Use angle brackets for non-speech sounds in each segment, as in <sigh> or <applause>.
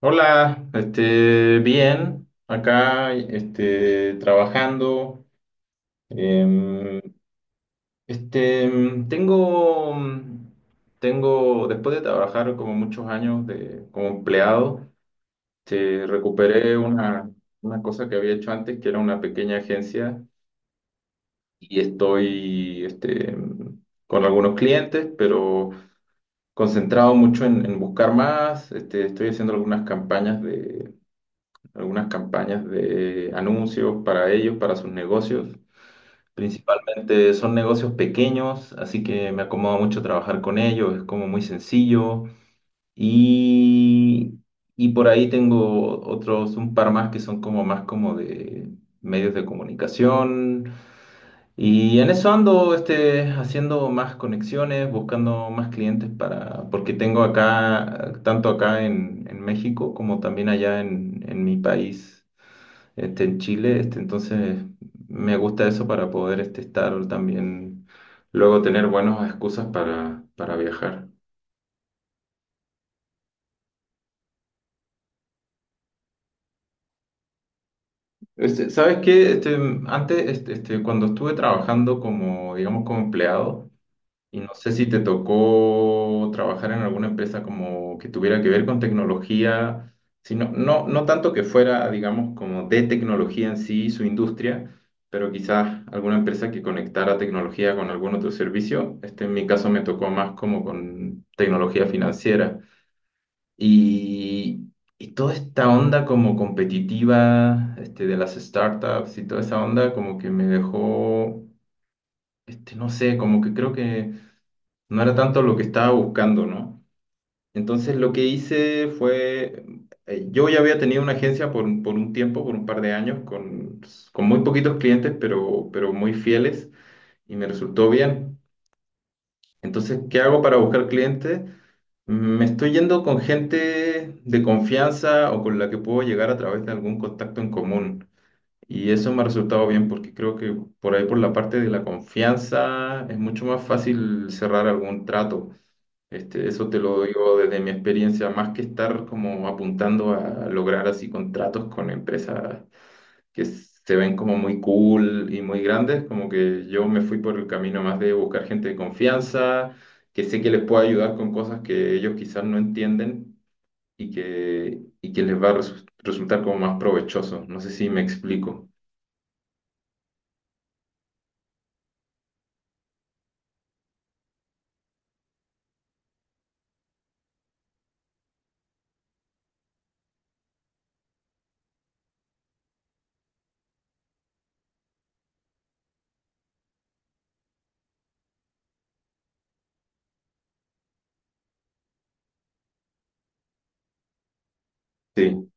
Hola, bien, acá, trabajando. em, este, em, tengo, mm, tengo, después de trabajar como muchos años de, como empleado, recuperé una cosa que había hecho antes, que era una pequeña agencia, y estoy, con algunos clientes, pero concentrado mucho en buscar más. Estoy haciendo algunas campañas de anuncios para ellos, para sus negocios. Principalmente son negocios pequeños, así que me acomoda mucho trabajar con ellos, es como muy sencillo. Y, y por ahí tengo otros, un par más que son como más como de medios de comunicación. Y en eso ando haciendo más conexiones, buscando más clientes para, porque tengo acá, tanto acá en México como también allá en mi país en Chile, entonces me gusta eso para poder estar también, luego tener buenas excusas para viajar. ¿Sabes qué? Antes, cuando estuve trabajando como, digamos, como empleado. Y no sé si te tocó trabajar en alguna empresa como que tuviera que ver con tecnología, sino, no, no tanto que fuera, digamos, como de tecnología en sí, su industria, pero quizás alguna empresa que conectara tecnología con algún otro servicio. En mi caso me tocó más como con tecnología financiera. Y, y toda esta onda como competitiva, de las startups y toda esa onda como que me dejó, no sé, como que creo que no era tanto lo que estaba buscando, ¿no? Entonces lo que hice fue, yo ya había tenido una agencia por, por un tiempo, por un par de años, con muy poquitos clientes, pero muy fieles y me resultó bien. Entonces, ¿qué hago para buscar clientes? Me estoy yendo con gente de confianza o con la que puedo llegar a través de algún contacto en común. Y eso me ha resultado bien porque creo que por ahí, por la parte de la confianza, es mucho más fácil cerrar algún trato. Eso te lo digo desde mi experiencia, más que estar como apuntando a lograr así contratos con empresas que se ven como muy cool y muy grandes, como que yo me fui por el camino más de buscar gente de confianza, que sé que les puedo ayudar con cosas que ellos quizás no entienden y que les va a resultar como más provechoso. ¿No sé si me explico? Sí.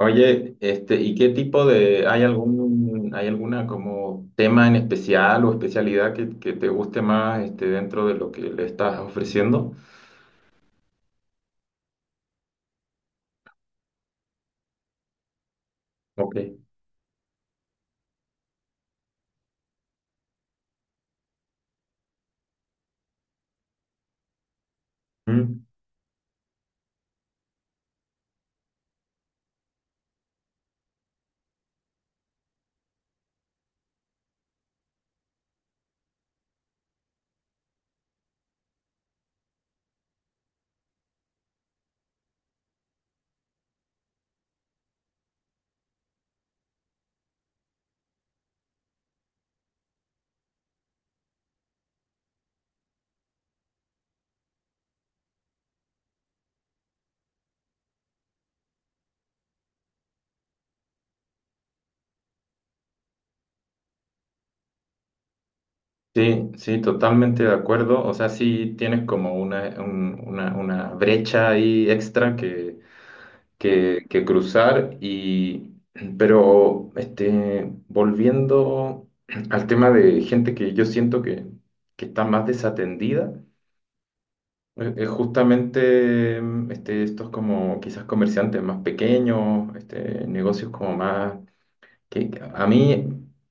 Oye, ¿y qué tipo de, hay algún, hay alguna como tema en especial o especialidad que te guste más, este, dentro de lo que le estás ofreciendo? Ok. Mm, sí, sí, totalmente de acuerdo. O sea, sí tienes como una, una brecha ahí extra que cruzar y, pero, volviendo al tema de gente que yo siento que está más desatendida. Es justamente estos como quizás comerciantes más pequeños, negocios como más... que a mí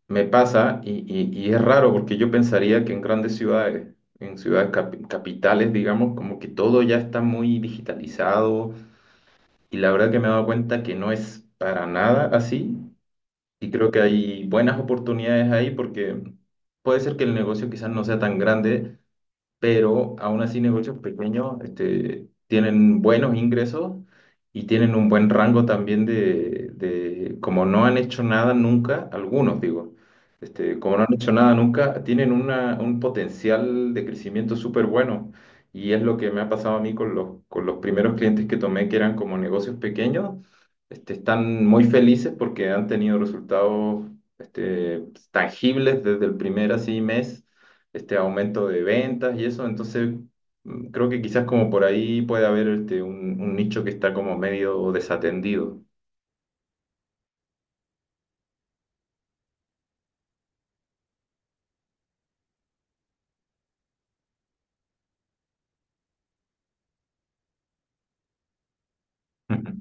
me pasa y, y es raro porque yo pensaría que en grandes ciudades, en ciudades capitales, digamos, como que todo ya está muy digitalizado y la verdad que me he dado cuenta que no es para nada así y creo que hay buenas oportunidades ahí porque puede ser que el negocio quizás no sea tan grande pero aún así negocios pequeños tienen buenos ingresos y tienen un buen rango también de, como no han hecho nada nunca, algunos digo, como no han hecho nada nunca, tienen una, un potencial de crecimiento súper bueno. Y es lo que me ha pasado a mí con los primeros clientes que tomé, que eran como negocios pequeños, están muy felices porque han tenido resultados este, tangibles desde el primer así mes aumento de ventas y eso. Entonces, mm, creo que quizás como por ahí puede haber un nicho que está como medio desatendido. Ujú.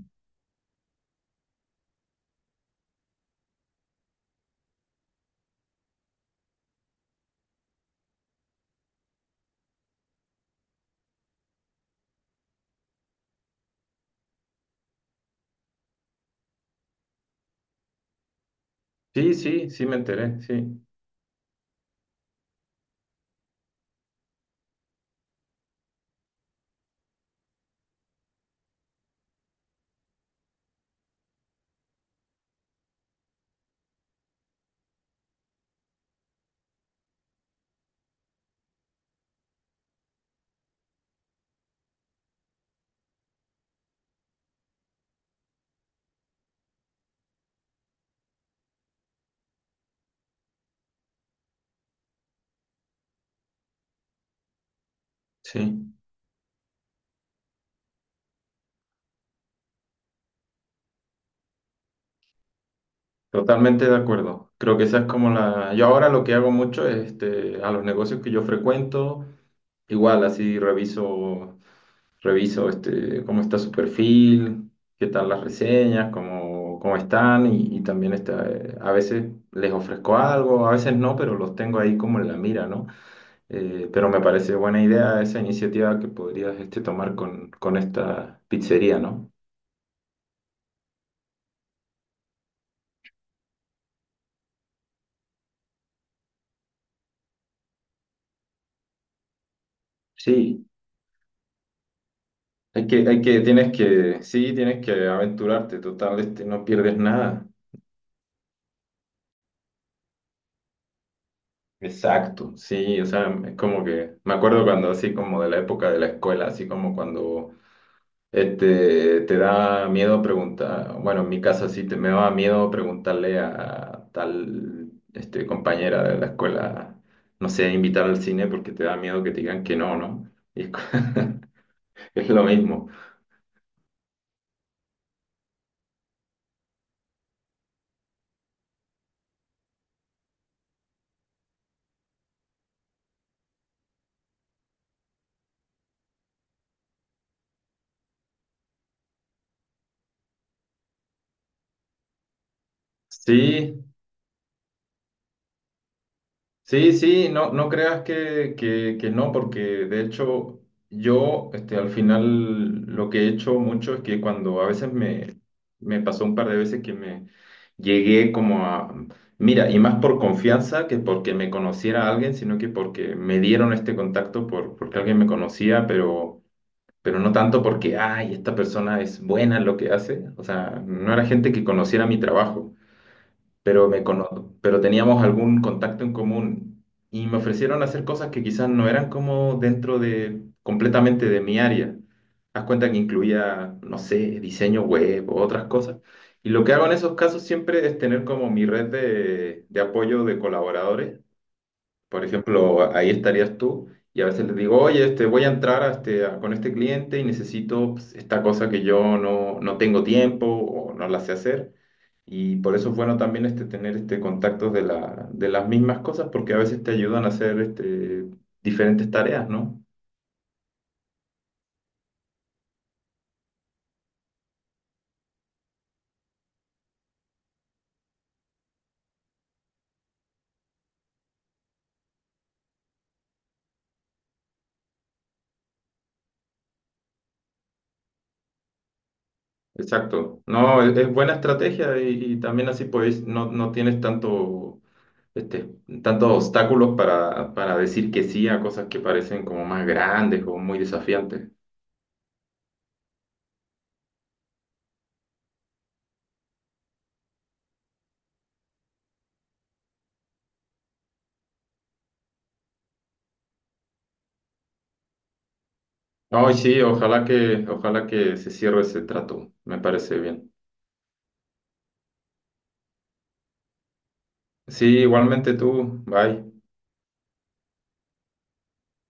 Sí, sí, sí me enteré, sí, sí, totalmente de acuerdo. Creo que esa es como la... Yo ahora lo que hago mucho es a los negocios que yo frecuento, igual así reviso. Reviso cómo está su perfil, qué tal las reseñas, cómo, cómo están y también está, a veces les ofrezco algo, a veces no, pero los tengo ahí como en la mira, ¿no? Pero me parece buena idea esa iniciativa que podrías tomar con esta pizzería, ¿no? Sí, hay que, tienes que, sí, tienes que aventurarte, total, no pierdes nada. Exacto, sí, o sea, es como que, me acuerdo cuando así como de la época de la escuela, así como cuando te da miedo preguntar, bueno, en mi caso sí, te, me daba miedo preguntarle a tal compañera de la escuela, no sé, invitar al cine porque te da miedo que te digan que no, ¿no? Y es, <laughs> es lo mismo. Sí, sí, sí, no, no creas que no, porque de hecho yo al final lo que he hecho mucho es que cuando a veces me, me pasó un par de veces que me llegué como a, mira, y más por confianza que porque me conociera alguien, sino que porque me dieron este contacto por, porque alguien me conocía, pero no tanto porque, ay, esta persona es buena en lo que hace, o sea, no era gente que conociera mi trabajo pero me pero teníamos algún contacto en común y me ofrecieron hacer cosas que quizás no eran como dentro de completamente de mi área. Haz cuenta que incluía, no sé, diseño web o otras cosas. Y lo que hago en esos casos siempre es tener como mi red de apoyo de colaboradores. Por ejemplo, ahí estarías tú y a veces les digo, oye, voy a entrar a este, con este cliente y necesito pues, esta cosa que yo no, no tengo tiempo o no la sé hacer. Y por eso es bueno también tener contactos de la, de las mismas cosas, porque a veces te ayudan a hacer diferentes tareas, ¿no? Exacto. No, es buena estrategia y también así pues no, no tienes tanto, este, tantos obstáculos para decir que sí a cosas que parecen como más grandes o muy desafiantes. Ay, sí, ojalá que se cierre ese trato. Me parece bien. Sí, igualmente tú. Bye.